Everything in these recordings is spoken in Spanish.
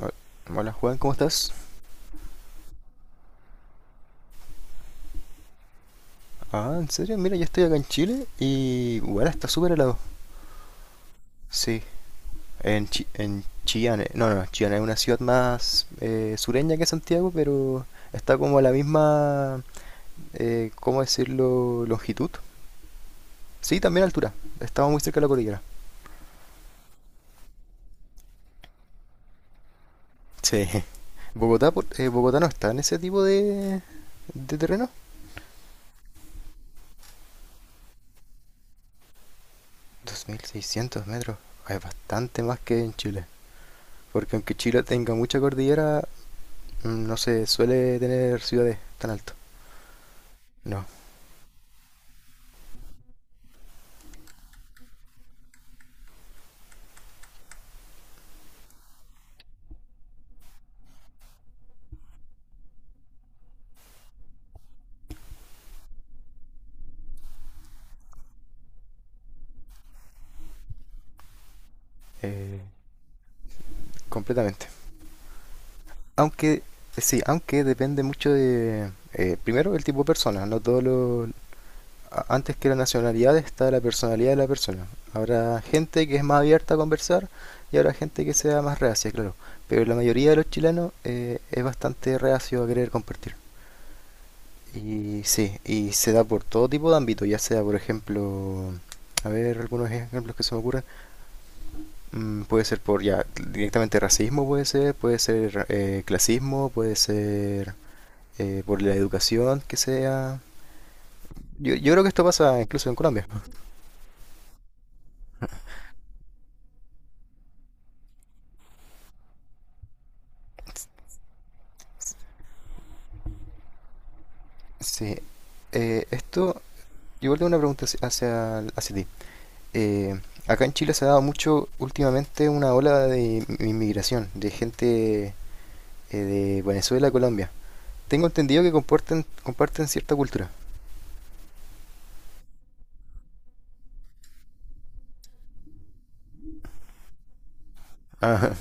Ah, hola Juan, ¿cómo estás? Ah, ¿en serio? Mira, yo estoy acá en Chile y bueno, está súper helado. Sí, en, en Chillán, no, no, Chillán es una ciudad más sureña que Santiago, pero está como a la misma, ¿cómo decirlo?, longitud. Sí, también altura, estamos muy cerca de la cordillera. Sí. Bogotá no está en ese tipo de terreno. 2.600 metros. Ah, es bastante más que en Chile. Porque aunque Chile tenga mucha cordillera, no se suele tener ciudades tan altas. No, eh, completamente. Aunque, sí, aunque depende mucho de, primero, el tipo de persona. No todos los... Antes que la nacionalidad está la personalidad de la persona. Habrá gente que es más abierta a conversar y habrá gente que sea más reacia, claro. Pero la mayoría de los chilenos es bastante reacio a querer compartir. Y sí, y se da por todo tipo de ámbito, ya sea, por ejemplo, a ver, algunos ejemplos que se me ocurren. Puede ser por ya directamente racismo, puede ser clasismo, puede ser por la educación que sea. Yo creo que esto pasa incluso en Colombia. Sí. Eh, esto, igual tengo una pregunta hacia, hacia ti. Eh, acá en Chile se ha dado mucho últimamente una ola de inmigración, de gente de Venezuela a Colombia. Tengo entendido que comparten cierta cultura. Ajá.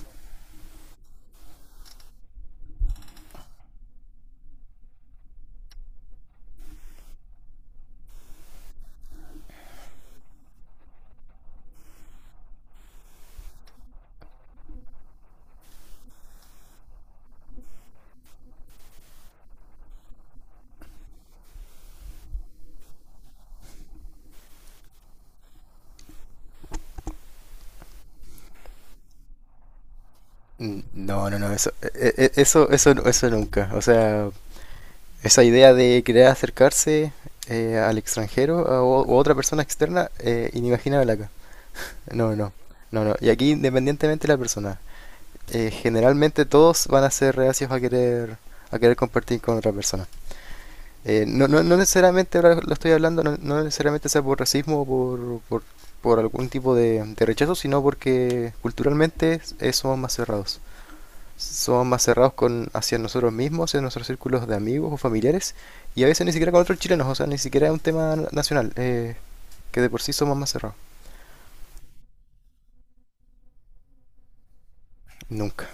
No, no, no, eso, e- e- eso nunca. O sea, esa idea de querer acercarse al extranjero o otra persona externa, inimaginable acá. No, no, no, no. Y aquí independientemente de la persona, generalmente todos van a ser reacios a querer compartir con otra persona. No, no necesariamente, ahora lo estoy hablando, no, no necesariamente sea por racismo o por, por algún tipo de rechazo, sino porque culturalmente somos más cerrados con, hacia nosotros mismos, hacia nuestros círculos de amigos o familiares, y a veces ni siquiera con otros chilenos, o sea, ni siquiera es un tema nacional, que de por sí somos más cerrados. Nunca.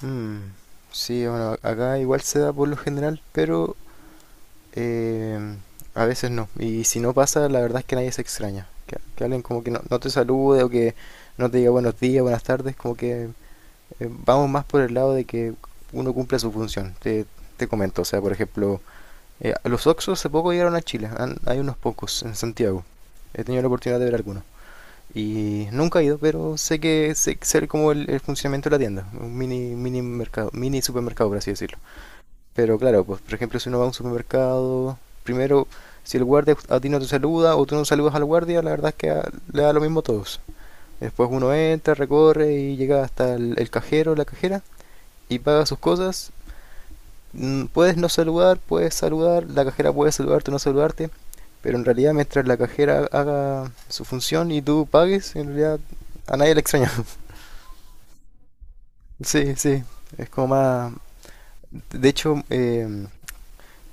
Mm, sí, bueno, acá igual se da por lo general, pero eh, a veces no. Y si no pasa, la verdad es que nadie se extraña. Que alguien como que no, no te salude o que no te diga buenos días, buenas tardes, como que vamos más por el lado de que uno cumpla su función. Te comento, o sea, por ejemplo, eh, los oxxos hace poco llegaron a Chile, hay unos pocos en Santiago. He tenido la oportunidad de ver algunos. Y nunca he ido, pero sé que sé como el funcionamiento de la tienda, un mini, mini mercado, mini supermercado, por así decirlo. Pero claro, pues por ejemplo, si uno va a un supermercado, primero, si el guardia a ti no te saluda o tú no saludas al guardia, la verdad es que le da lo mismo a todos. Después uno entra, recorre y llega hasta el cajero, la cajera, y paga sus cosas. Puedes no saludar, puedes saludar, la cajera puede saludarte o no saludarte, pero en realidad mientras la cajera haga su función y tú pagues, en realidad a nadie le extraña. Sí, sí, es como más... De hecho,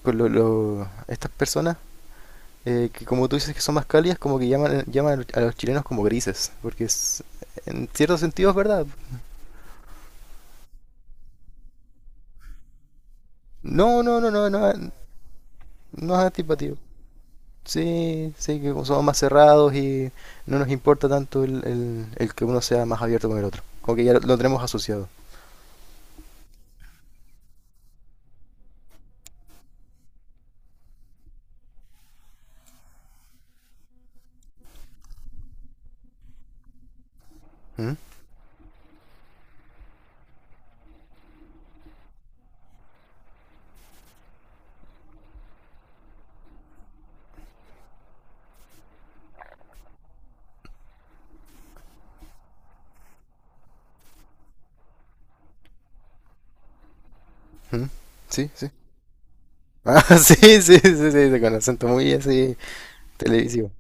con estas personas, que como tú dices que son más cálidas, como que llaman, llaman a los chilenos como grises, en cierto sentido es verdad. No, no, no, no, no, no es antipatía. Sí, sí, que como somos más cerrados y no nos importa tanto el, el que uno sea más abierto con el otro. Como que ya lo tenemos asociado. ¿Mm? ¿Mm? Sí, sí. Ah, sí, sí, sí, sí, con acento muy así televisivo.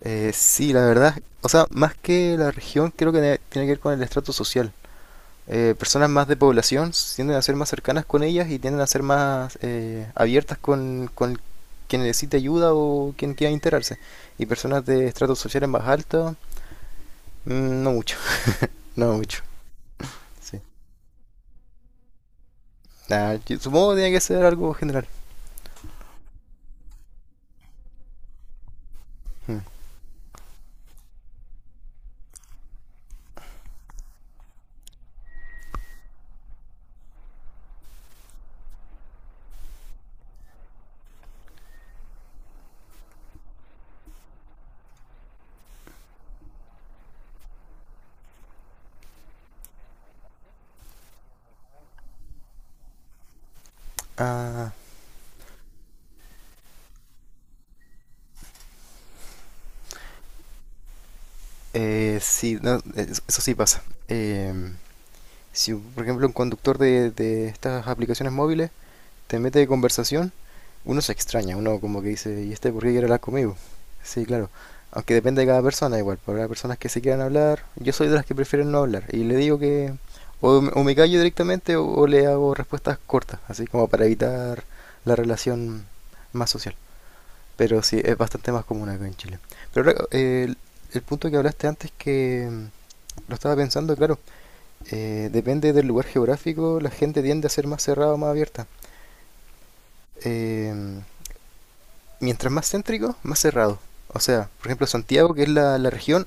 Sí, la verdad, o sea, más que la región, creo que tiene que ver con el estrato social. Personas más de población tienden a ser más cercanas con ellas y tienden a ser más abiertas con quien necesita ayuda o quien quiera enterarse. Y personas de estratos sociales más altos no mucho, no mucho. Sí. Nah, yo supongo que tiene que ser algo general. Mm. Ah, sí, no, eso, eso sí pasa. Si, por ejemplo, un conductor de estas aplicaciones móviles te mete de conversación, uno se extraña, uno como que dice, ¿y este por qué quiere hablar conmigo? Sí, claro. Aunque depende de cada persona igual, porque habrá personas que se quieran hablar, yo soy de las que prefieren no hablar, y le digo que o, o me callo directamente o le hago respuestas cortas, así como para evitar la relación más social. Pero sí, es bastante más común acá en Chile. Pero ahora, el punto que hablaste antes que lo estaba pensando, claro, depende del lugar geográfico, la gente tiende a ser más cerrada o más abierta. Em, mientras más céntrico, más cerrado. O sea, por ejemplo, Santiago, que es la región,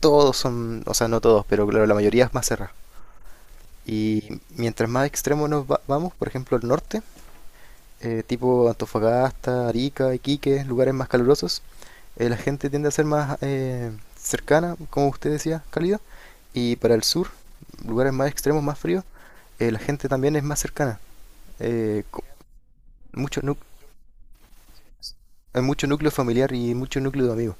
todos son, o sea, no todos, pero claro, la mayoría es más cerrada. Y mientras más extremo vamos, por ejemplo, el norte, tipo Antofagasta, Arica, Iquique, lugares más calurosos, la gente tiende a ser más cercana, como usted decía, cálida. Y para el sur, lugares más extremos, más fríos, la gente también es más cercana. Eh, co- mucho nu- hay mucho núcleo familiar y mucho núcleo de amigos.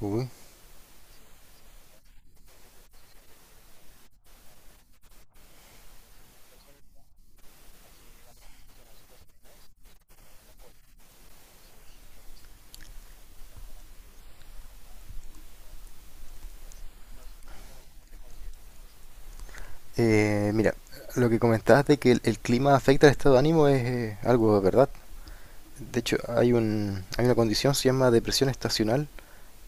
Uy, mira, lo que comentabas de que el clima afecta al estado de ánimo es algo de verdad. De hecho, hay una condición, se llama depresión estacional,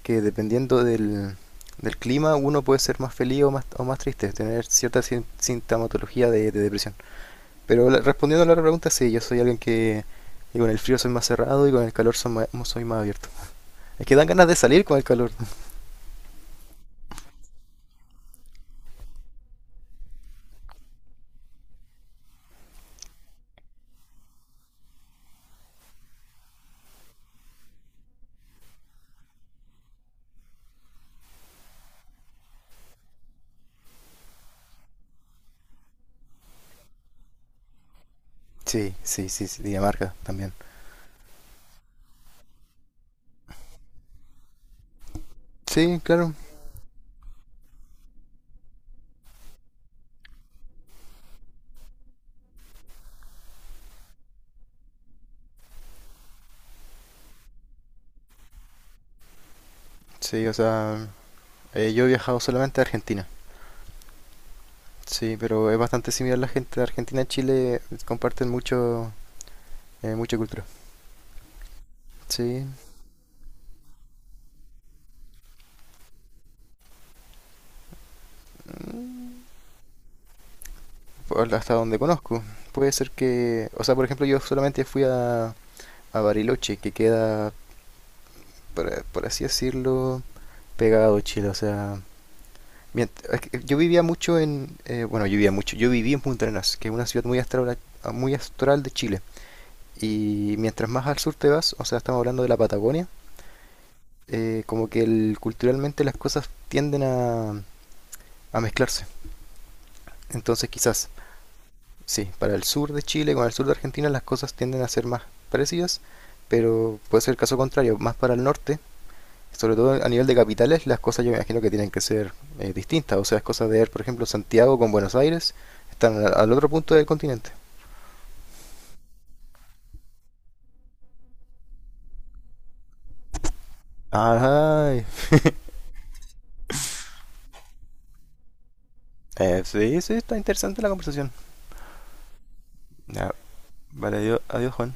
que dependiendo del clima uno puede ser más feliz o más triste, tener cierta sintomatología de depresión. Pero respondiendo a la otra pregunta, sí, yo soy alguien que con el frío soy más cerrado y con el calor soy más abierto. Es que dan ganas de salir con el calor. Sí, sí, sí, sí, Dinamarca también. Sí, claro. Sí, o sea, yo he viajado solamente a Argentina. Sí, pero es bastante similar la gente de Argentina y Chile, comparten mucho, mucha cultura. Sí, por- hasta donde conozco. Puede ser que, o sea, por ejemplo, yo solamente fui a Bariloche, que queda, por así decirlo, pegado a Chile. O sea, es que yo vivía mucho en, yo viví en Punta Arenas, que es una ciudad muy astral de Chile. Y mientras más al sur te vas, o sea, estamos hablando de la Patagonia, como que culturalmente las cosas tienden a mezclarse. Entonces quizás, sí, para el sur de Chile con el sur de Argentina las cosas tienden a ser más parecidas, pero puede ser el caso contrario, más para el norte, sobre todo a nivel de capitales, las cosas yo me imagino que tienen que ser distintas. O sea, es cosa de ver, por ejemplo, Santiago con Buenos Aires, están al otro punto del continente. Ajá. Sí, sí, está interesante la conversación. Ya, vale, adiós, adiós Juan.